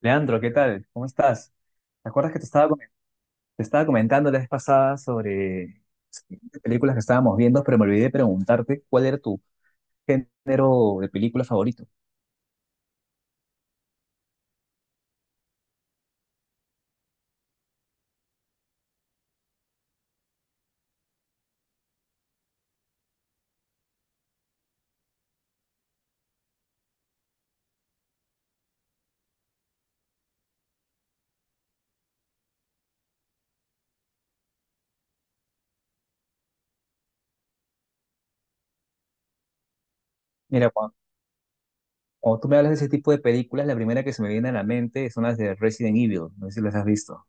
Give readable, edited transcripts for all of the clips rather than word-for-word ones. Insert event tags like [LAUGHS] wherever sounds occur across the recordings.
Leandro, ¿qué tal? ¿Cómo estás? ¿Te acuerdas que te estaba comentando la vez pasada sobre películas que estábamos viendo? Pero me olvidé de preguntarte, ¿cuál era tu género de película favorito? Mira, cuando tú me hablas de ese tipo de películas, la primera que se me viene a la mente son las de Resident Evil. No sé si las has visto.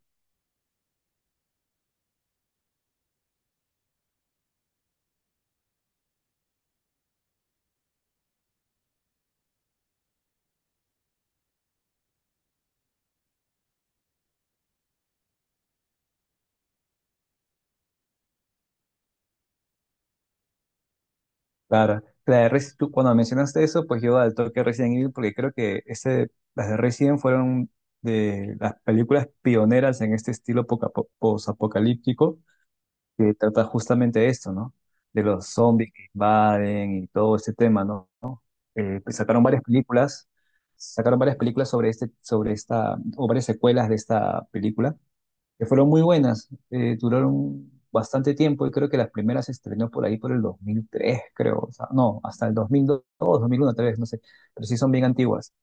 Claro, tú, cuando mencionaste eso, pues yo al toque Resident Evil, porque creo que las de Resident fueron de las películas pioneras en este estilo posapocalíptico. Que trata justamente esto, ¿no? De los zombies que invaden y todo este tema, ¿no? Pues sacaron varias películas, sobre esta, o varias secuelas de esta película, que fueron muy buenas. Duraron bastante tiempo y creo que las primeras se estrenó por ahí por el 2003, creo. O sea, no, hasta el 2002, 2001, tal vez, no sé, pero sí son bien antiguas.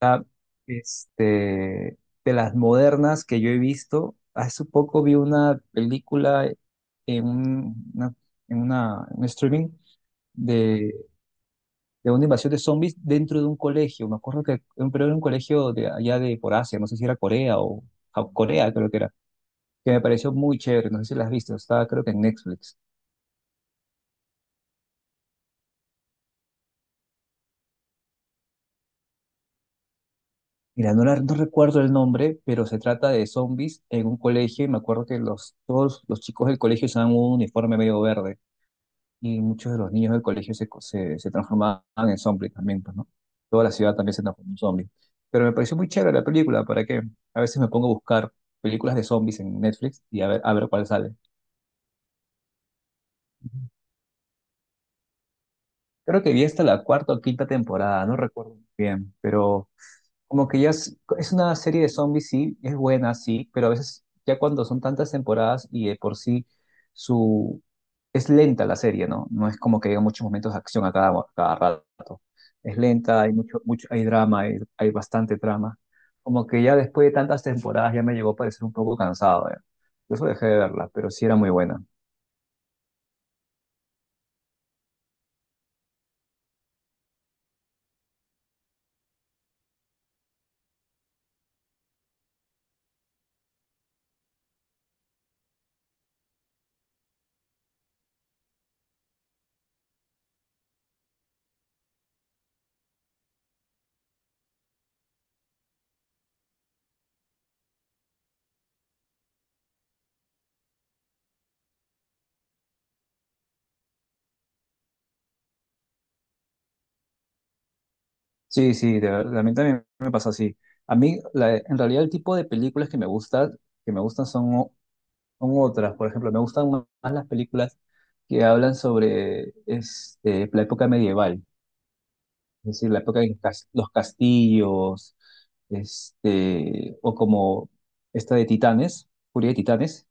Ah, este, de las modernas que yo he visto, hace poco vi una película en, un- una, en un streaming de, de una invasión de zombies dentro de un colegio. Me acuerdo que pero era un colegio de allá de por Asia. No sé si era Corea o Corea, creo que era. Que me pareció muy chévere. No sé si la has visto, estaba creo que en Netflix. Mira, no, no recuerdo el nombre, pero se trata de zombies en un colegio y me acuerdo que todos los chicos del colegio usaban un uniforme medio verde, y muchos de los niños del colegio se transformaban en zombies también, pues, ¿no? Toda la ciudad también se transformó en zombies. Pero me pareció muy chévere la película, ¿para qué? A veces me pongo a buscar películas de zombies en Netflix, y a ver cuál sale. Creo que vi hasta la cuarta o quinta temporada, no recuerdo muy bien, pero como que ya es una serie de zombies, sí, es buena, sí, pero a veces ya cuando son tantas temporadas y de por sí su es lenta la serie, ¿no? No es como que haya muchos momentos de acción a cada rato. Es lenta, hay mucho, mucho, hay drama, hay bastante drama. Como que ya después de tantas temporadas ya me llegó a parecer un poco cansado, ¿eh? Por eso dejé de verla, pero sí era muy buena. Sí, sí, de verdad, a mí también me pasa así. A mí, en realidad, el tipo de películas que me gustan, son otras. Por ejemplo, me gustan más las películas que hablan sobre la época medieval, es decir, la época de los castillos, o como esta de Titanes, Furia de Titanes,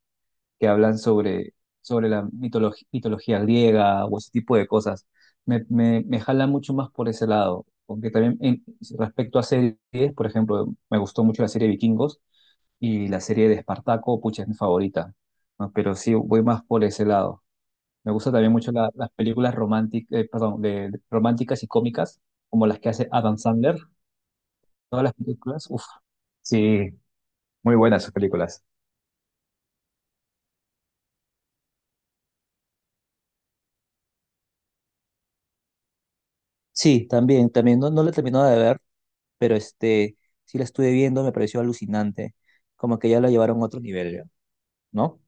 que hablan sobre, sobre la mitología griega o ese tipo de cosas. Me jala mucho más por ese lado. Aunque también, respecto a series, por ejemplo, me gustó mucho la serie Vikingos y la serie de Espartaco. Pucha, es mi favorita, ¿no? Pero sí, voy más por ese lado. Me gusta también mucho las películas románticas, perdón, románticas y cómicas, como las que hace Adam Sandler. Todas las películas, uff. Sí, muy buenas sus películas. Sí, también, no, no la he terminado de ver, pero sí la estuve viendo. Me pareció alucinante, como que ya la llevaron a otro nivel, ya, ¿no?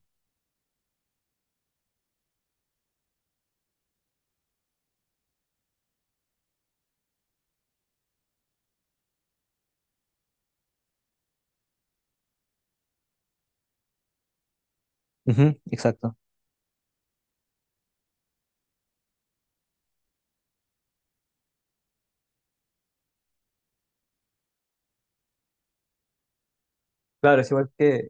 Ujú, exacto. Claro, es igual que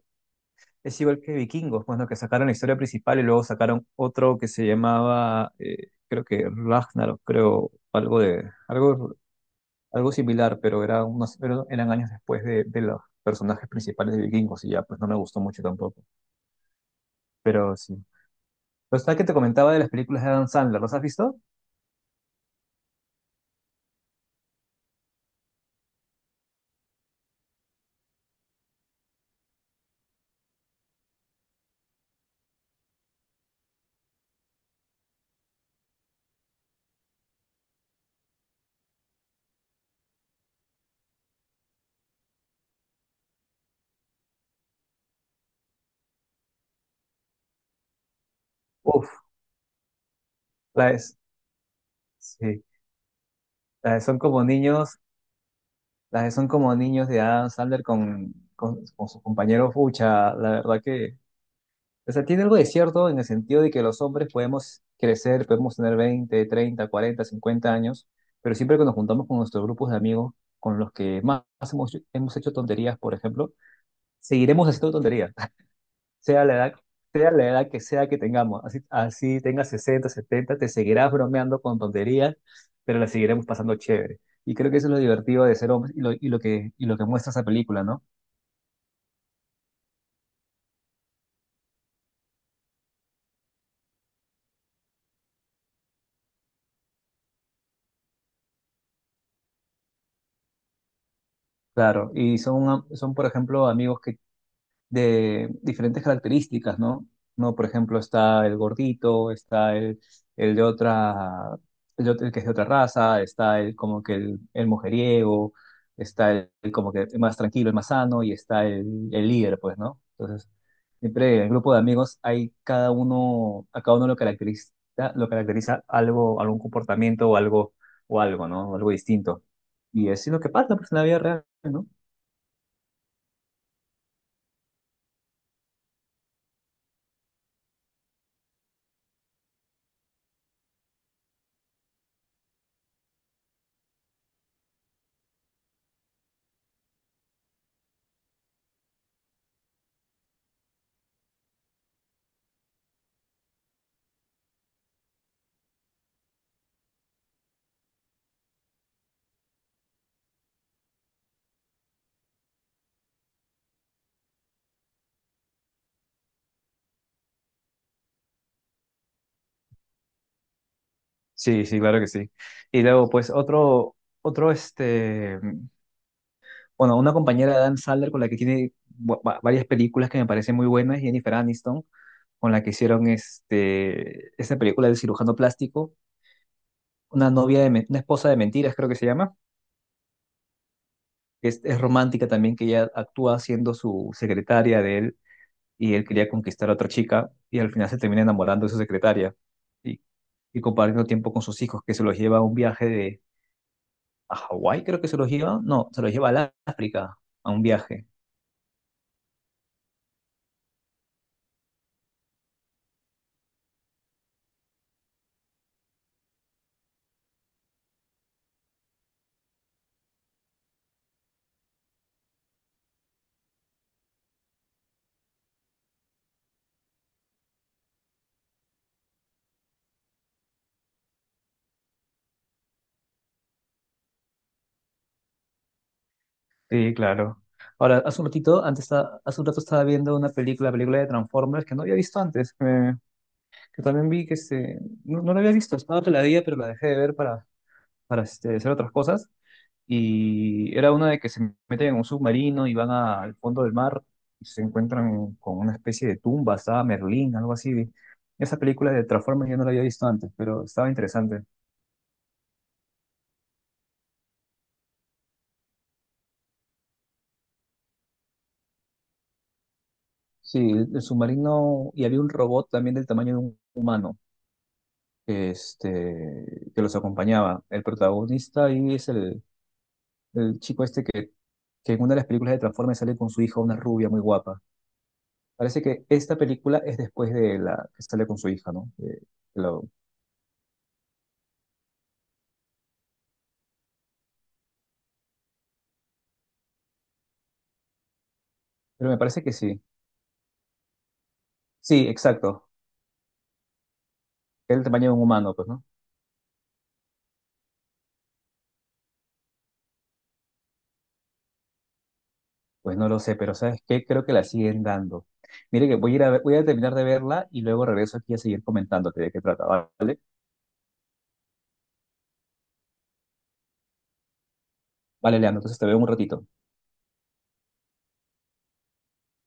Es igual que Vikingos. Bueno, que sacaron la historia principal y luego sacaron otro que se llamaba, creo que Ragnarok, creo, algo similar, pero eran años después de los personajes principales de Vikingos, y ya, pues no me gustó mucho tampoco. Pero sí. Lo que te comentaba de las películas de Adam Sandler, ¿los has visto? Uf, la es, sí, la de son como niños, las de Son Como Niños de Adam Sandler con, con sus compañeros, pucha, la verdad que o sea, tiene algo de cierto en el sentido de que los hombres podemos crecer, podemos tener 20, 30, 40, 50 años, pero siempre que nos juntamos con nuestros grupos de amigos, con los que más hemos hecho tonterías, por ejemplo, seguiremos haciendo tonterías, [LAUGHS] sea la edad, sea la edad que sea que tengamos. Así, así tengas 60, 70, te seguirás bromeando con tonterías, pero la seguiremos pasando chévere. Y creo que eso es lo divertido de ser hombres y lo que muestra esa película, ¿no? Claro, y son, por ejemplo, amigos que de diferentes características, ¿no? No, por ejemplo, está el gordito, está el de otra, el que es de otra raza, está el mujeriego, está el como que el más tranquilo, el más sano, y está el líder, pues, ¿no? Entonces, siempre en el grupo de amigos hay cada uno, a cada uno lo caracteriza, algo, algún comportamiento o algo, ¿no? Algo distinto. Y así es lo que pasa, pues, en la vida real, ¿no? Sí, sí, claro que sí. Y luego, pues, otro, este, bueno, una compañera de Adam Sandler con la que tiene varias películas que me parecen muy buenas, Jennifer Aniston, con la que hicieron esta película del cirujano plástico, Una Esposa de Mentiras, creo que se llama, que es romántica también, que ella actúa siendo su secretaria de él, y él quería conquistar a otra chica, y al final se termina enamorando de su secretaria, y, y compartiendo tiempo con sus hijos, que se los lleva a un viaje a Hawái, creo que se los lleva. No, se los lleva al África a un viaje. Sí, claro. Ahora, hace un ratito, antes, hace un rato estaba viendo una película, película de Transformers que no había visto antes, que también vi, no, no la había visto, estaba otra la día, pero la dejé de ver para, hacer otras cosas. Y era una de que se meten en un submarino y van al fondo del mar, y se encuentran con una especie de tumba, estaba Merlín, algo así. Esa película de Transformers yo no la había visto antes, pero estaba interesante. Sí, el submarino, y había un robot también del tamaño de un humano que los acompañaba. El protagonista ahí es el chico este que en una de las películas de Transformers sale con su hija, una rubia muy guapa. Parece que esta película es después de la que sale con su hija, ¿no? Lo- pero me parece que sí. Sí, exacto. Es el tamaño de un humano, pues, ¿no? Pues no lo sé, pero ¿sabes qué? Creo que la siguen dando. Mire que voy a terminar de verla y luego regreso aquí a seguir comentándote de qué trata, ¿vale? Vale, Leandro, entonces te veo en un ratito.